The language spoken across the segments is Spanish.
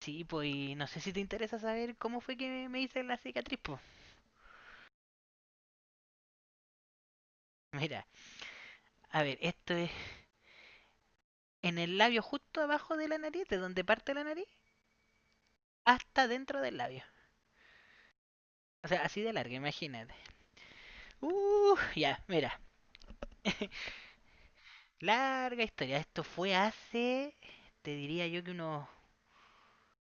Sí, pues y no sé si te interesa saber cómo fue que me hice la cicatriz, pues. Mira, a ver, esto es en el labio justo abajo de la nariz, de donde parte la nariz, hasta dentro del labio. O sea, así de larga, imagínate. Ya, mira. Larga historia. Esto fue hace, te diría yo que unos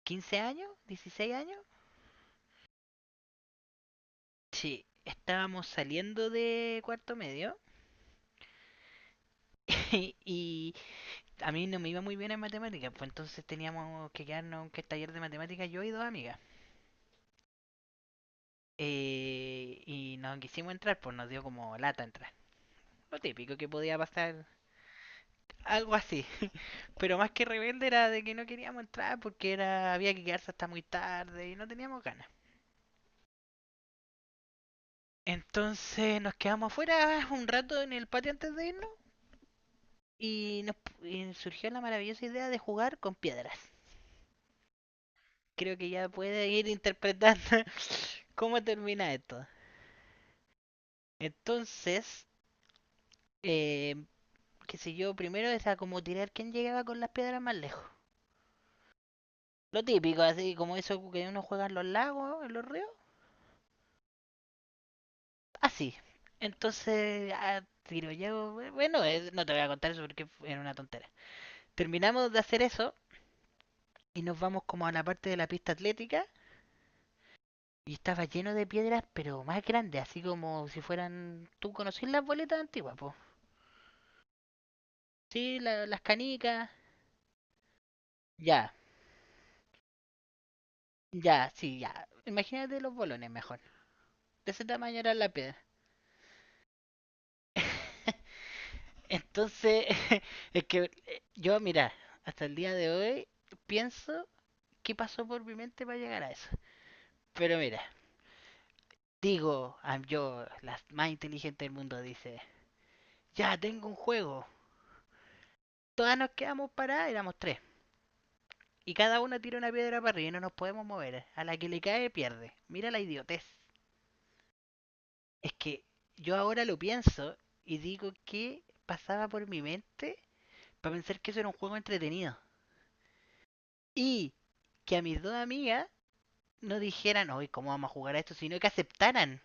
15 años, 16 años. Sí, estábamos saliendo de cuarto medio y, a mí no me iba muy bien en matemáticas, pues entonces teníamos que quedarnos en que taller de matemáticas yo y dos amigas. Y nos quisimos entrar, pues nos dio como lata entrar. Lo típico que podía pasar, algo así. Pero más que rebelde era de que no queríamos entrar porque era había que quedarse hasta muy tarde y no teníamos ganas. Entonces nos quedamos afuera un rato en el patio antes de irnos y nos y surgió la maravillosa idea de jugar con piedras. Creo que ya puede ir interpretando cómo termina esto. Entonces, eh, qué sé yo, primero era como tirar quién llegaba con las piedras más lejos. Lo típico, así como eso que uno juega en los lagos, en los ríos. Así. Entonces, ah, tiro yo. Bueno, no te voy a contar eso porque era una tontera. Terminamos de hacer eso y nos vamos como a la parte de la pista atlética y estaba lleno de piedras, pero más grandes, así como si fueran. ¿Tú conocís las boletas antiguas, po? Sí, las canicas. Ya, ya, sí, ya. Imagínate los bolones mejor. De ese tamaño era la piedra. Entonces, es que yo, mira, hasta el día de hoy pienso qué pasó por mi mente para llegar a eso. Pero mira, digo, yo, la más inteligente del mundo, dice, ya tengo un juego. Todas nos quedamos paradas, éramos tres. Y cada una tira una piedra para arriba y no nos podemos mover. A la que le cae pierde. Mira la idiotez. Es que yo ahora lo pienso y digo qué pasaba por mi mente para pensar que eso era un juego entretenido. Y que a mis dos amigas no dijeran, hoy ¿cómo vamos a jugar a esto? Sino que aceptaran.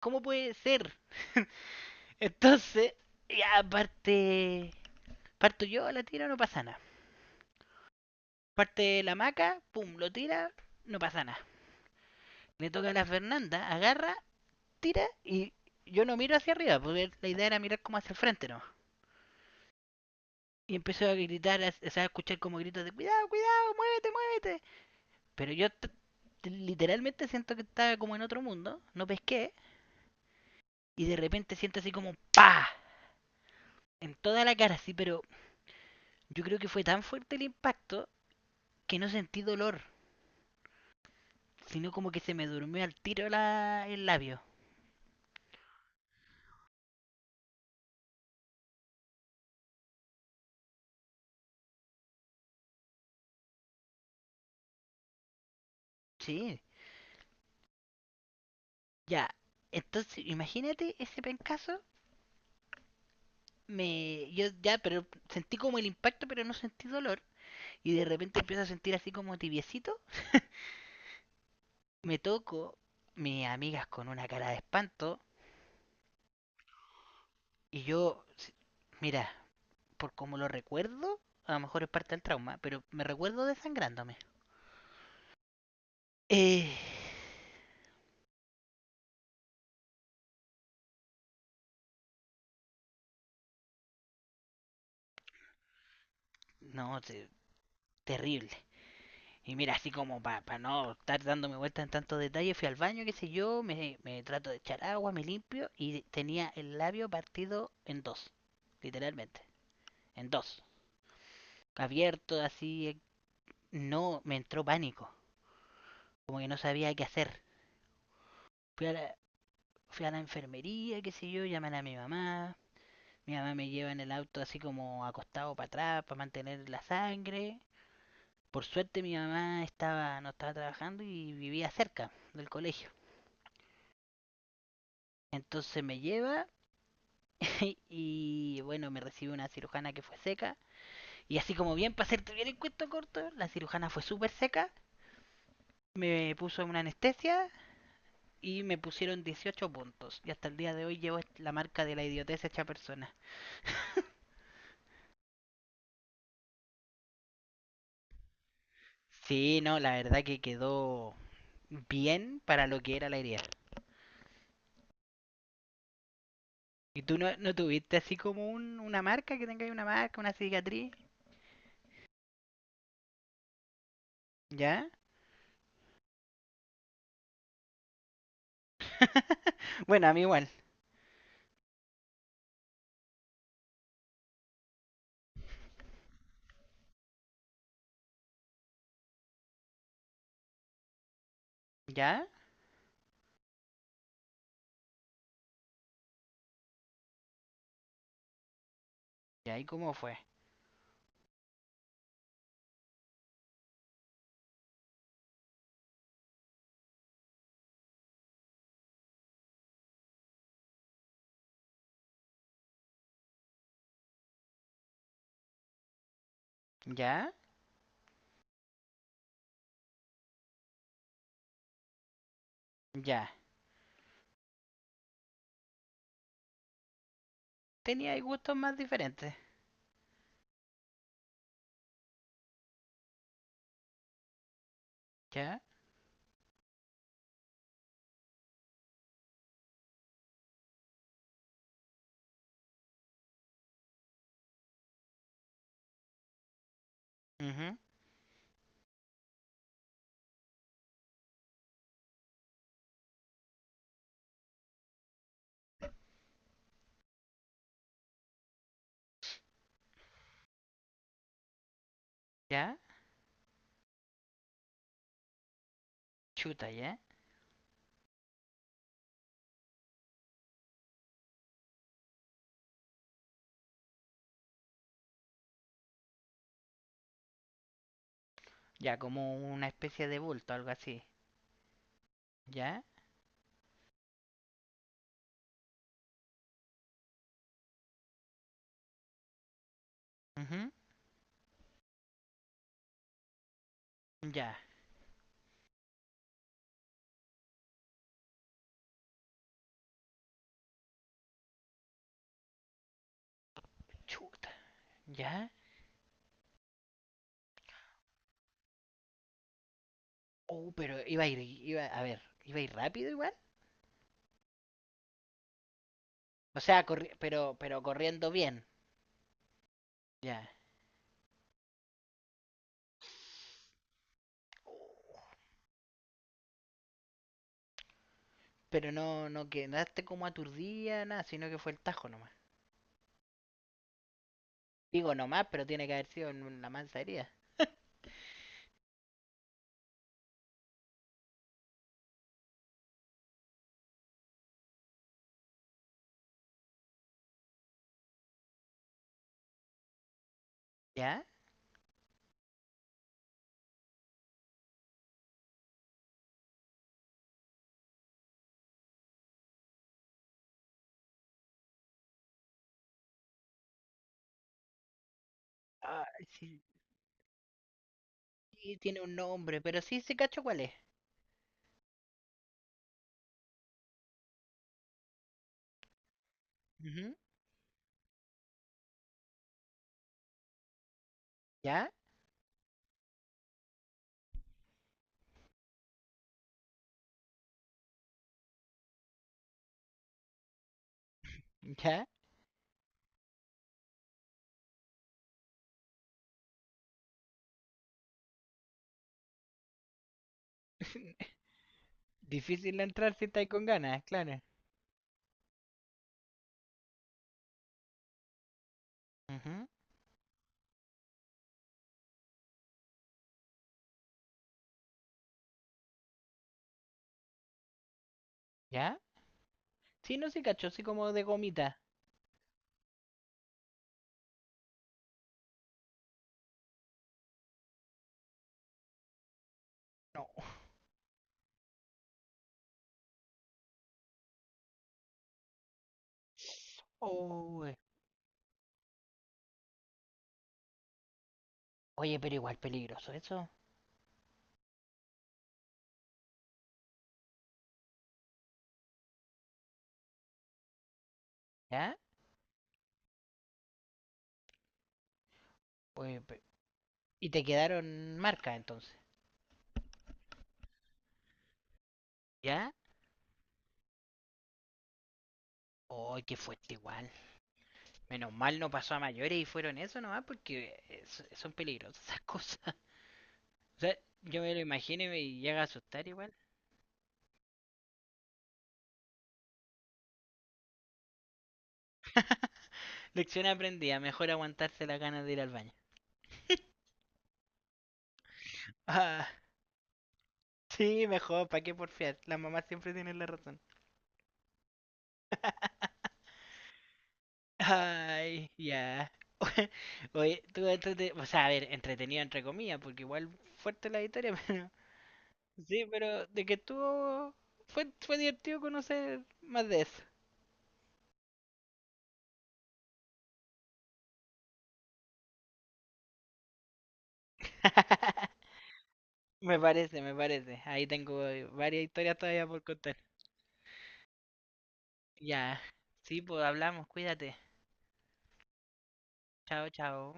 ¿Cómo puede ser? Entonces, ya parte... Parto yo, la tiro, no pasa nada. Parte la maca, pum, lo tira, no pasa nada. Le toca a la Fernanda, agarra, tira y yo no miro hacia arriba, porque la idea era mirar como hacia el frente, ¿no? Y empezó a gritar, o sea, a escuchar como gritos de cuidado, cuidado, muévete, muévete. Pero yo literalmente siento que estaba como en otro mundo, no pesqué. Y de repente siente así como un pa en toda la cara, así, pero yo creo que fue tan fuerte el impacto que no sentí dolor, sino como que se me durmió al tiro la, el labio. Sí, ya. Entonces, imagínate ese pencazo. Me, yo ya, pero sentí como el impacto, pero no sentí dolor. Y de repente empiezo a sentir así como tibiecito. Me toco, mis amigas con una cara de espanto. Y yo, mira, por como lo recuerdo, a lo mejor es parte del trauma, pero me recuerdo desangrándome. Eh, no, terrible. Y mira, así como para no estar dándome vueltas en tantos detalles, fui al baño, qué sé yo, me trato de echar agua, me limpio y tenía el labio partido en dos, literalmente, en dos. Abierto así, no, me entró pánico, como que no sabía qué hacer. Fui a la, fui a la enfermería, qué sé yo, llaman a mi mamá. Mi mamá me lleva en el auto así como acostado para atrás para mantener la sangre. Por suerte mi mamá estaba, no estaba trabajando y vivía cerca del colegio. Entonces me lleva y y bueno, me recibe una cirujana que fue seca. Y así como bien, para hacerte bien el cuento corto, la cirujana fue súper seca. Me puso una anestesia y me pusieron 18 puntos. Y hasta el día de hoy llevo la marca de la idiotez hecha persona. Sí, no, la verdad que quedó bien para lo que era la herida. ¿Y tú no, no tuviste así como una marca, que tenga ahí una marca, una cicatriz? ¿Ya? Bueno, a mí igual. ¿Ya? ¿Ya? ¿Y cómo fue? ¿Ya? ¿Ya? Tenía gustos más diferentes. ¿Ya? Ujú. ¿Ya? Chuta, ¿ya? Ya, como una especie de bulto, algo así. ¿Ya? Ujú. ¿Ya? Chuta, ¿ya? Oh, pero iba a ir, iba, a ver, iba a ir rápido igual. O sea, pero corriendo bien. Ya. Oh, pero no, no quedaste como aturdida, nada, sino que fue el tajo nomás. Digo nomás, pero tiene que haber sido en la mansa herida. ¿Ya? Ah, sí, sí, tiene un nombre, pero sí, sí cacho cuál es. Ujú. ¿Ya? ¿Ya? Difícil entrar si estáis con ganas, claro. Ujú. ¿Ya? Sí, no, sí cacho, así como de gomita. No. Oh, eh, oye, pero igual peligroso eso. ¿Ya? Oye, y te quedaron marcas entonces. ¿Ya? Oh, qué fuerte igual. Menos mal no pasó a mayores y fueron eso nomás porque son peligrosas esas cosas. O sea, yo me lo imagino y me llega a asustar igual. Lección aprendida, mejor aguantarse las ganas de ir al baño. Ah, sí, mejor, ¿para qué porfiar? Las mamás siempre tienen la razón. Ay, ya. Oye, tú, o sea, a ver, entretenido entre comillas, porque igual fuerte la historia, pero... Sí, pero de que estuvo... Fue, fue divertido conocer más de eso. Me parece, me parece. Ahí tengo varias historias todavía por contar. Ya. Sí, pues hablamos, cuídate. Chao, chao.